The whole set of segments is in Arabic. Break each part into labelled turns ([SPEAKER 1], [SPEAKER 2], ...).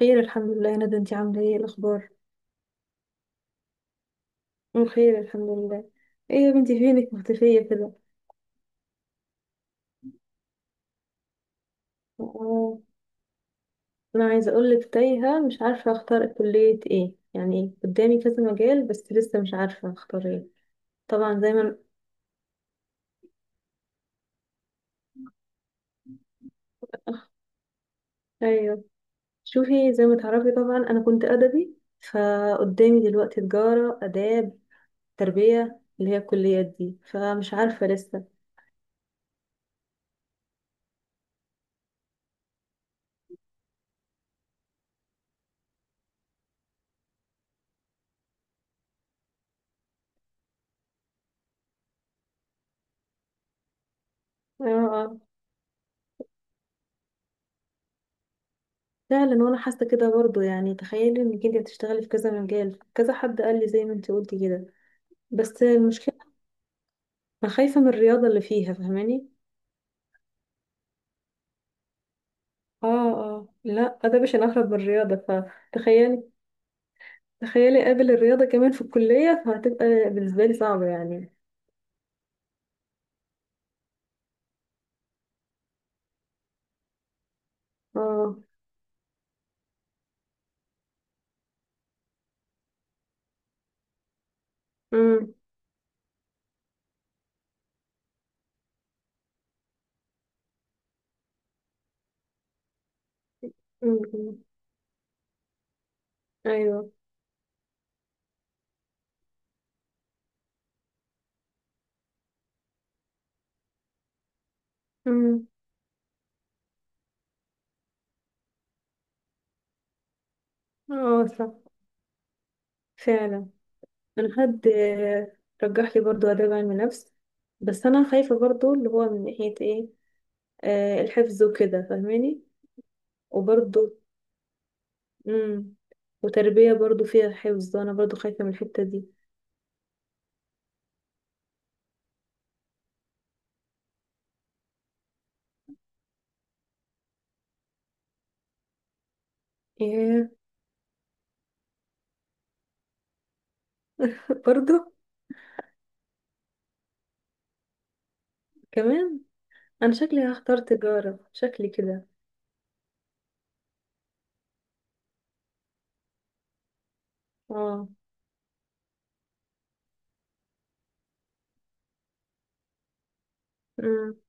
[SPEAKER 1] خير الحمد لله يا ندى، انتي عاملة ايه الأخبار؟ بخير الحمد لله. ايه يا بنتي فينك مختفية كده؟ اه، أنا عايزة أقولك تايهة، مش عارفة أختار كلية ايه. يعني قدامي كذا مجال بس لسه مش عارفة أختار ايه. طبعا زي ما... أيوه. شوفي، زي ما تعرفي طبعا، أنا كنت أدبي. فقدامي دلوقتي تجارة، آداب، تربية، اللي هي الكليات دي، فمش عارفة لسه. اه، فعلا وانا حاسه كده برضو. يعني تخيلي انك انت بتشتغلي في كذا مجال، كذا حد قال لي زي ما انت قلتي كده. بس المشكله، انا خايفه من الرياضه اللي فيها، فاهماني. اه اه، لا ده مش هنخرج من الرياضه. فتخيلي قابل الرياضه كمان في الكليه فهتبقى بالنسبه لي صعبه يعني. اه. امم، امم، أمم. ايوه. امم. اه صح، فعلا. انا حد رجح لي برضو اداب علم نفس، بس انا خايفه برضو، اللي هو من ناحيه ايه. آه، الحفظ وكده فاهماني. وبرضه. امم وتربية برضه فيها حفظ، انا برضه خايفة من الحتة دي. ايه. برضه كمان. انا شكلي هختار تجارة، شكلي كده. اه. امم.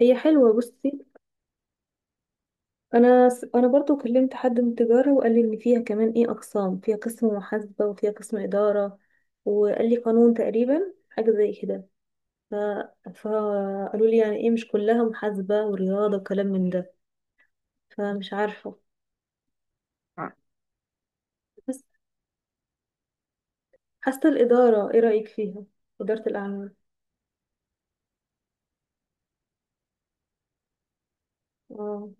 [SPEAKER 1] هي حلوة بصي. انا برضه كلمت حد من التجارة، وقال لي ان فيها كمان ايه اقسام، فيها قسم محاسبة وفيها قسم إدارة. وقال لي قانون تقريبا، حاجة زي كده. ف... فقالوا لي يعني ايه، مش كلها محاسبة ورياضة وكلام من ده. فمش عارفة. بس حاسة الإدارة إيه رأيك فيها؟ إدارة الأعمال. آه.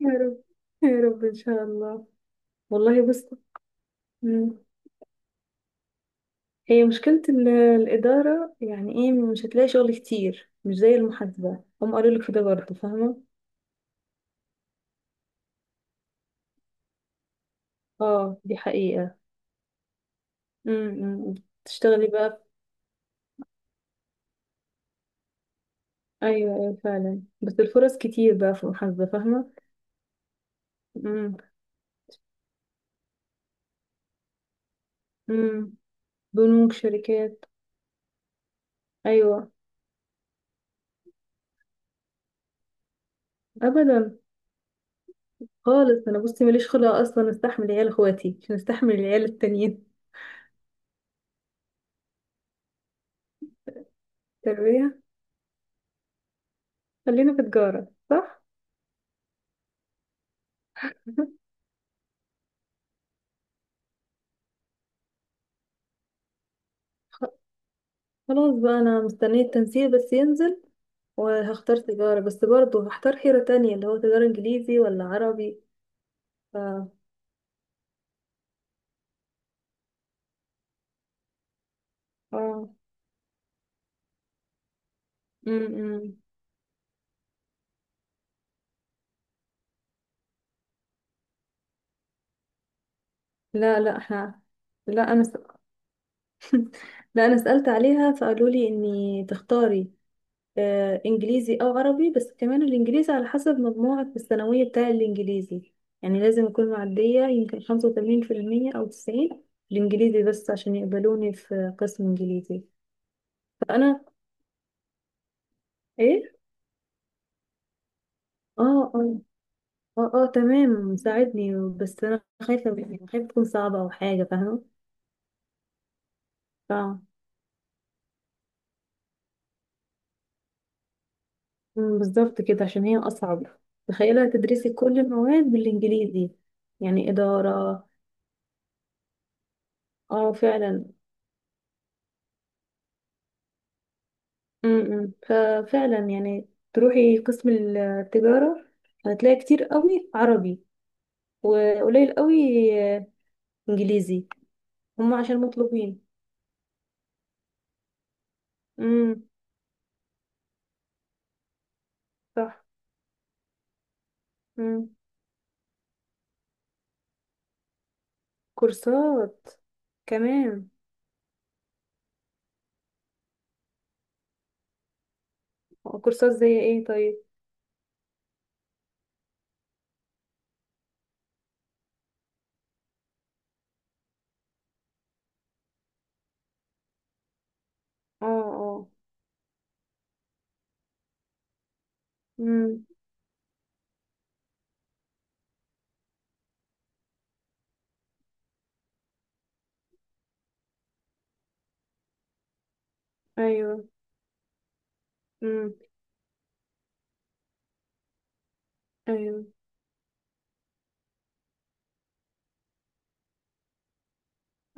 [SPEAKER 1] يا رب، يا رب إن شاء الله. والله بص. مم. هي مشكلة الإدارة، يعني إيه، مش هتلاقي شغل كتير مش زي المحاسبة، هم قالوا لك في ده برضه فاهمة. آه دي حقيقة. امم. تشتغلي بقى. أيوة أيوة فعلا، بس الفرص كتير بقى في المحاسبة، فاهمة. امم، امم. بنوك، شركات. أيوة. أبدا، خالص. أنا بصي ماليش خلق أصلا أستحمل عيال إخواتي، مش مستحمل العيال التانيين. تربية. خلينا في تجارة صح؟ خلاص بقى، أنا مستنية التنسيق بس ينزل، وهختار تجارة، بس برضه هختار حيرة تانية اللي هو تجارة إنجليزي ولا عربي. ف، اه، امم. لا لا احنا. لا أنا لا أنا سألت عليها فقالوا لي إني تختاري آه إنجليزي أو عربي، بس كمان الإنجليزي على حسب مجموعك في الثانوية بتاع الإنجليزي. يعني لازم أكون معدية يمكن 85% أو 90 في الإنجليزي، بس عشان يقبلوني في قسم إنجليزي. انا ايه. اه اه اه اه تمام، ساعدني، بس انا خايفه يعني، خايفه تكون صعبه او حاجه فاهمه. ف، مم، بالظبط كده عشان هي اصعب. تخيلها تدرسي كل المواد بالانجليزي، يعني اداره. اه فعلا. امم، ففعلا يعني تروحي قسم التجاره هتلاقي كتير قوي عربي وقليل قوي آه، انجليزي. هم عشان مطلوبين. امم. صح. امم. كورسات كمان. كورسات زي ايه طيب. اه اه. امم. ايوه. امم. ايوه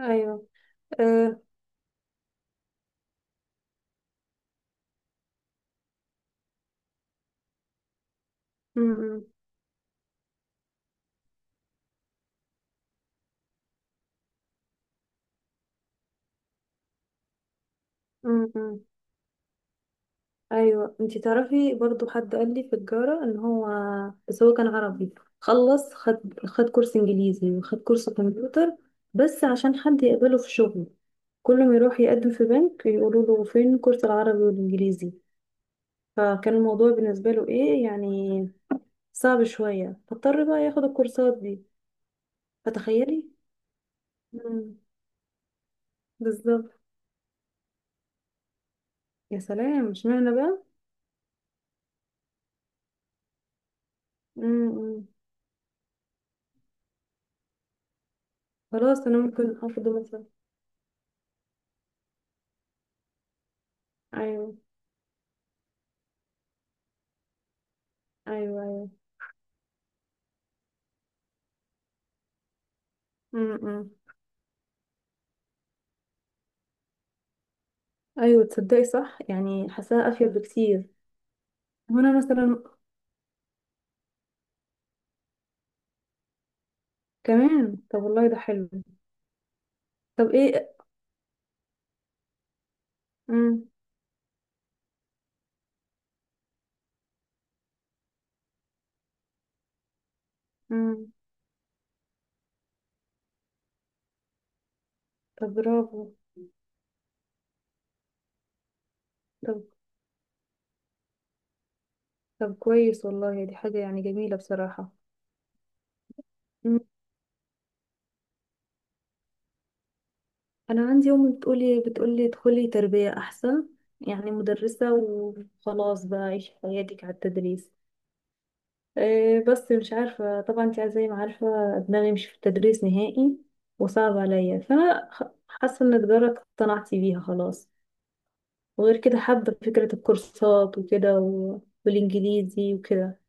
[SPEAKER 1] ايوه. آه. امم، امم. ايوه، انتي تعرفي برضو حد قال لي في التجارة ان هو، بس هو كان عربي، خلص خد خد كورس انجليزي وخد كورس كمبيوتر بس عشان حد يقبله في شغل. كل ما يروح يقدم في بنك يقولوا له فين كورس العربي والانجليزي. فكان الموضوع بالنسبة له ايه يعني صعب شوية، فاضطر بقى ياخد الكورسات دي. فتخيلي. مم. بالظبط. يا سلام اشمعنى بقى. امم. خلاص انا ممكن افضل مثلا. ايوه ايوه ايوه. امم. ايوه تصدقي صح، يعني حاساها افيد بكتير. هنا مثلا كمان. طب والله ده حلو. طب ايه. امم، امم. طب برافو. طب، طب كويس والله، دي حاجة يعني جميلة بصراحة. مم. انا عندي امي بتقولي بتقولي ادخلي تربية احسن، يعني مدرسة وخلاص بقى، عيشي حياتك على التدريس. إيه، بس مش عارفة، طبعا انت زي ما عارفة دماغي مش في التدريس نهائي وصعب عليا. فأنا حاسة ان تجارة اقتنعت بيها خلاص. وغير كده حابة فكرة الكورسات وكده و... والإنجليزي وكده.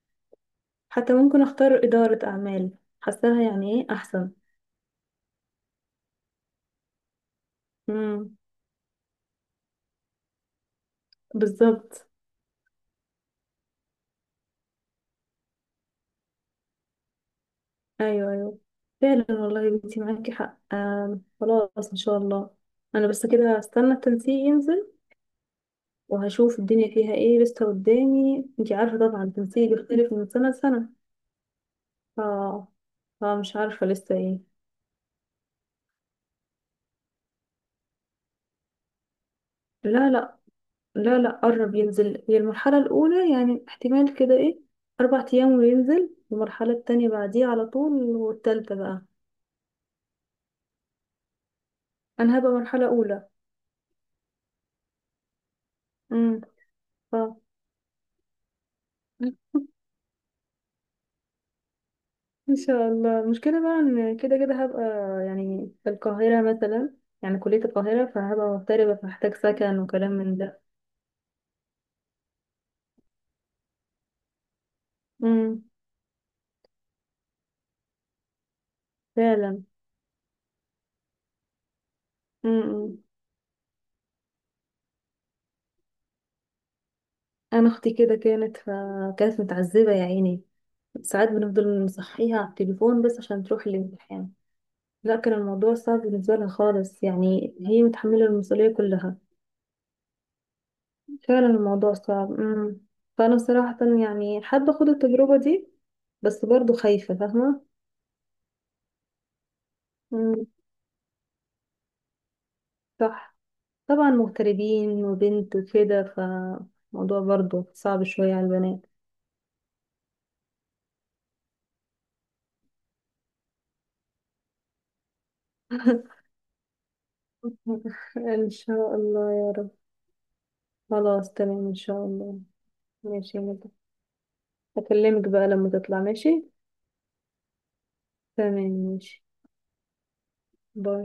[SPEAKER 1] حتى ممكن أختار إدارة أعمال، حاساها يعني ايه أحسن. امم. بالظبط. أيوه أيوه فعلا والله يا بنتي معاكي حق، خلاص إن شاء الله. أنا بس كده هستنى التنسيق ينزل وهشوف الدنيا فيها ايه لسه قدامي. انتي عارفة طبعا تنسيق بيختلف من سنة لسنة. ف... فمش عارفة لسه ايه. لا لا. لا لا قرب ينزل. هي المرحلة الأولى، يعني احتمال كده ايه، 4 أيام وينزل، والمرحلة التانية بعديها على طول، والتالتة بقى. أنا هبقى مرحلة أولى. امم. ف إن شاء الله. المشكلة بقى إن كده كده هبقى يعني في القاهرة مثلا، يعني كلية القاهرة، فهبقى مغتربة فهحتاج سكن وكلام من ده. امم. فعلا. امم. انا اختي كده كانت، فكانت متعذبه يا عيني، ساعات بنفضل نصحيها على التليفون بس عشان تروح الامتحان. لا كان الموضوع صعب بالنسبه لها خالص، يعني هي متحمله المسؤوليه كلها. فعلا الموضوع صعب. امم. فانا صراحه يعني حابه اخد التجربه دي بس برضو خايفه فاهمه. امم. صح. طبعا مغتربين وبنت وكده فالموضوع برضو صعب شويه على البنات. ان شاء الله يا رب. خلاص تمام ان شاء الله. ماشي يا مدحت. هكلمك بقى لما تطلع ماشي. تمام ماشي. باي.